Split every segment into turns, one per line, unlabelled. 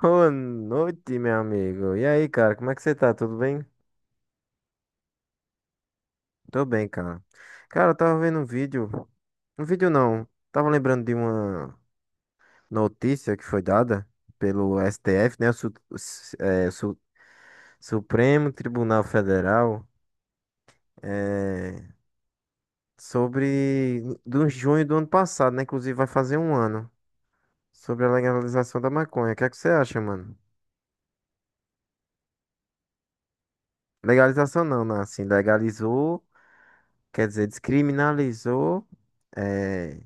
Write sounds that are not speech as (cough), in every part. Boa noite, meu amigo. E aí, cara, como é que você tá? Tudo bem? Tô bem, cara. Cara, eu tava vendo um vídeo. Um vídeo não. Tava lembrando de uma notícia que foi dada pelo STF, né? O, Su- o S- é, Su- Supremo Tribunal Federal. É, sobre. Do junho do ano passado, né? Inclusive vai fazer um ano. Sobre a legalização da maconha. O que é que você acha, mano? Legalização não, né? Assim, legalizou. Quer dizer, descriminalizou é,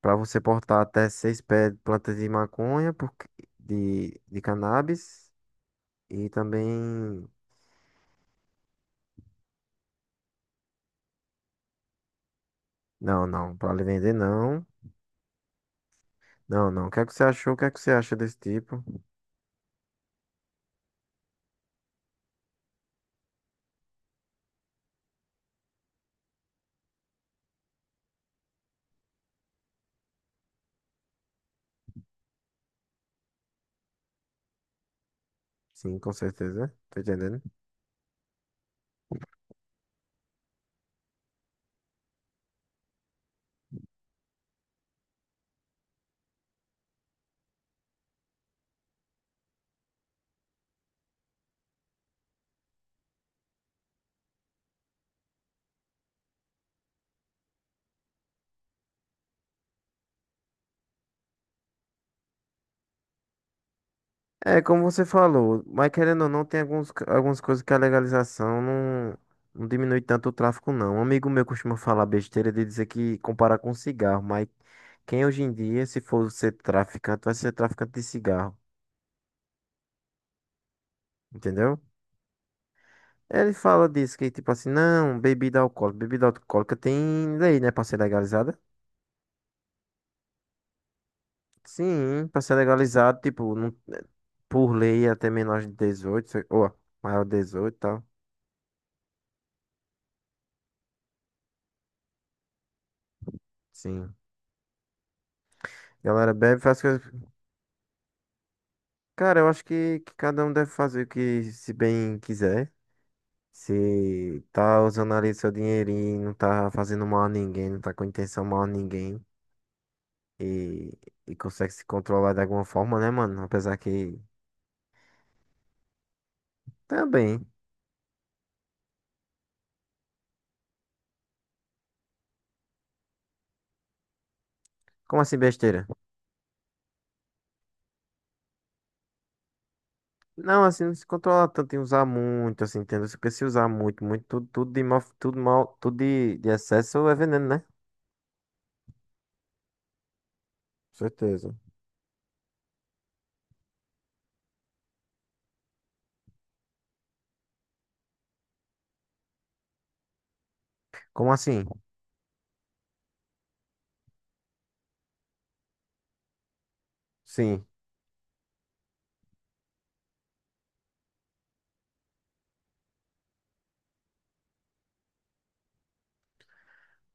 para você portar até seis pés de plantas de maconha, porque, de cannabis, e também. Não, não, para vender não. Não, não. O que é que você achou? O que é que você acha desse tipo? Sim, com certeza. Tô entendendo. É, como você falou, mas querendo ou não, tem algumas coisas que a legalização não, não diminui tanto o tráfico, não. Um amigo meu costuma falar besteira de dizer que comparar com cigarro, mas quem hoje em dia, se for ser traficante, vai ser traficante de cigarro, entendeu? Ele fala disso, que tipo assim, não, bebida alcoólica tem lei, né, pra ser legalizada? Sim, pra ser legalizado, tipo, por lei até menor de 18 ou maior de 18 e tal. Sim. Galera bebe, faz coisas. Cara, eu acho que cada um deve fazer o que se bem quiser. Se tá usando ali seu dinheirinho, não tá fazendo mal a ninguém, não tá com intenção mal a ninguém e, e consegue se controlar de alguma forma, né, mano? Apesar que também. Como assim besteira? Não, assim, não se controla tanto em usar muito, assim, entendeu? Porque se usar muito, muito, tudo, tudo de mal, tudo de excesso é veneno, né? Com certeza. Como assim? Sim.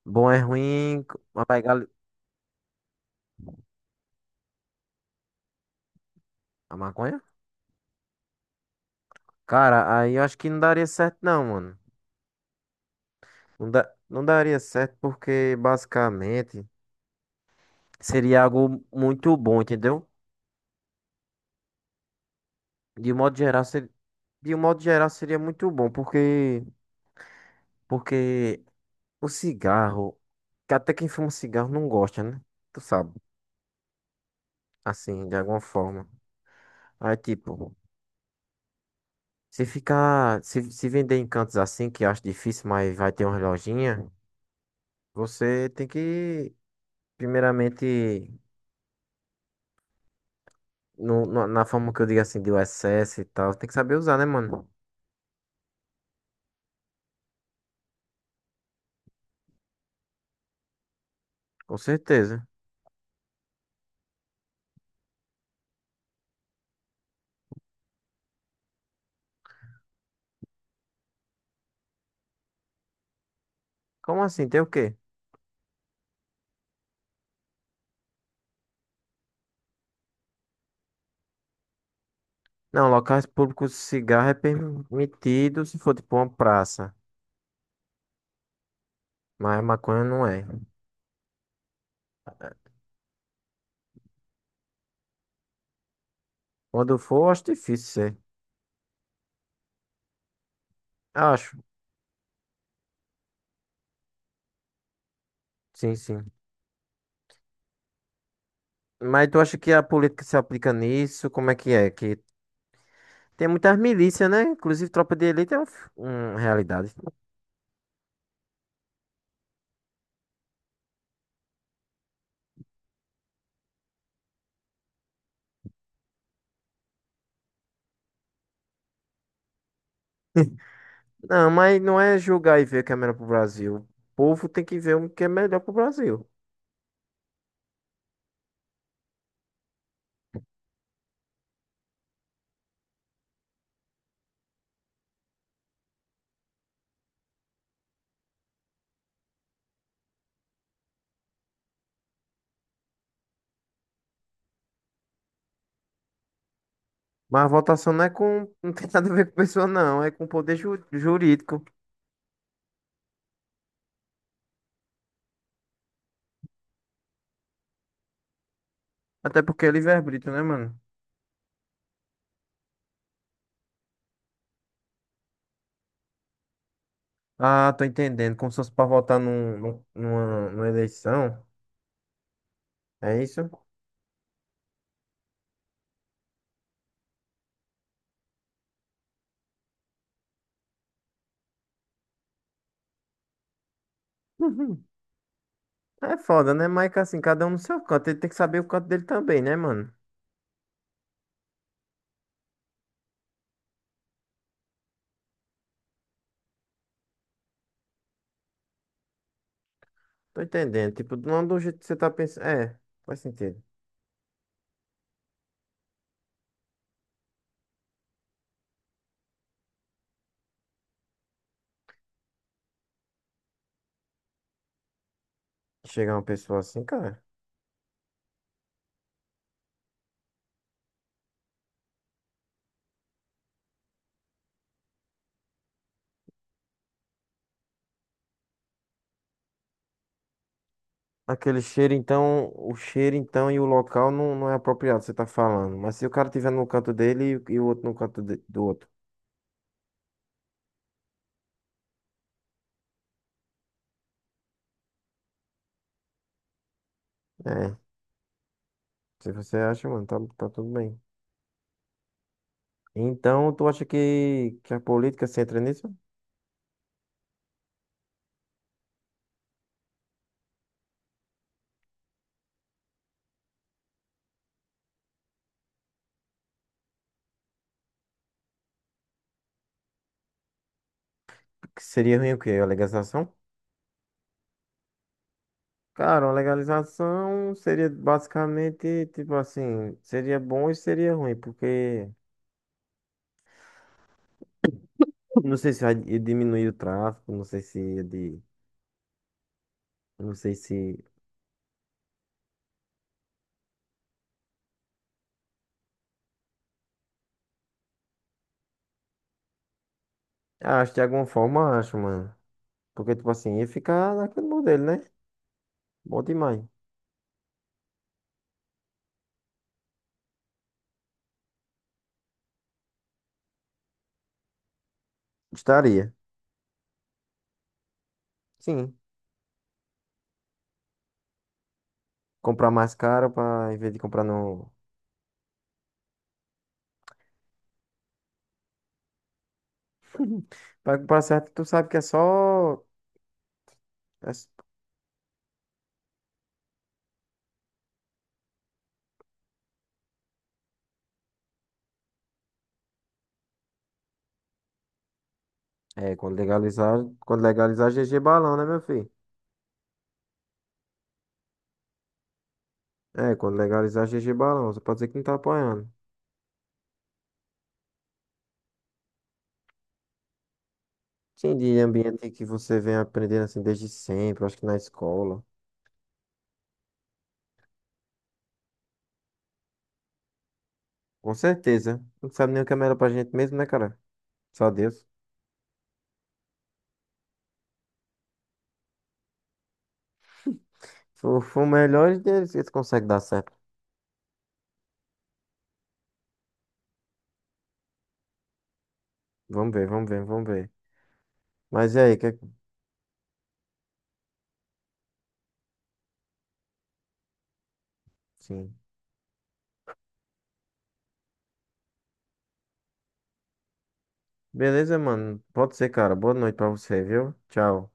Bom é ruim, mas a maconha? Cara, aí eu acho que não daria certo não, mano. Não daria certo porque basicamente seria algo muito bom, entendeu? De um modo geral, ser- de um modo geral seria muito bom, porque o cigarro, que até quem fuma cigarro não gosta, né? Tu sabe, assim, de alguma forma. Aí tipo, se ficar, se vender em cantos assim que eu acho difícil, mas vai ter uma lojinha, você tem que primeiramente. Na forma que eu digo assim, de USS e tal, tem que saber usar, né, mano? Com certeza. Como assim? Tem o quê? Não, locais públicos de cigarro é permitido se for tipo uma praça, mas maconha não é. Quando for, eu acho difícil ser. Acho, sim, sim. Mas tu acha que a política se aplica nisso? Como é? Que tem muitas milícias, né? Inclusive, tropa de elite é um, um realidade. Não, mas não é julgar e ver o que é melhor pro Brasil. O povo tem que ver o que é melhor pro Brasil. Mas a votação não é com. Não tem nada a ver com pessoa, não. É com poder jurídico. Até porque é livre-arbítrio, né, mano? Ah, tô entendendo. Como se fosse pra votar numa eleição. É isso? (laughs) Uhum. É foda, né? Mas que assim, cada um no seu canto. Ele tem que saber o canto dele também, né, mano? Tô entendendo. Tipo, não do jeito que você tá pensando. É, faz sentido. Chegar uma pessoa assim, cara. Aquele cheiro, então. O cheiro, então, e o local não, não é apropriado, você tá falando. Mas se o cara tiver no canto dele e o outro no canto do outro. É. Se você acha, mano, tá, tá tudo bem. Então, tu acha que a política se entra nisso? Que seria ruim o quê? A legalização? Cara, uma legalização seria basicamente, tipo assim, seria bom e seria ruim, porque não sei se vai diminuir o tráfico, não sei se ia de, não sei se, ah, acho que de alguma forma, acho, mano. Porque, tipo assim, ia ficar naquele modelo, né? Bom demais. Estaria. Sim. Comprar mais caro pra, em vez de comprar no... (laughs) Pra comprar certo, tu sabe que é só As- É, quando legalizar GG Balão, né, meu filho? É, quando legalizar GG Balão, você pode dizer que não tá apoiando. Sim, de ambiente que você vem aprendendo assim desde sempre, acho que na escola. Com certeza. Não sabe nem o que é melhor pra gente mesmo, né, cara? Só Deus. Se for o melhor deles, eles conseguem dar certo. Vamos ver, vamos ver, vamos ver. Mas e aí, que... Sim. Beleza, mano. Pode ser, cara. Boa noite pra você, viu? Tchau.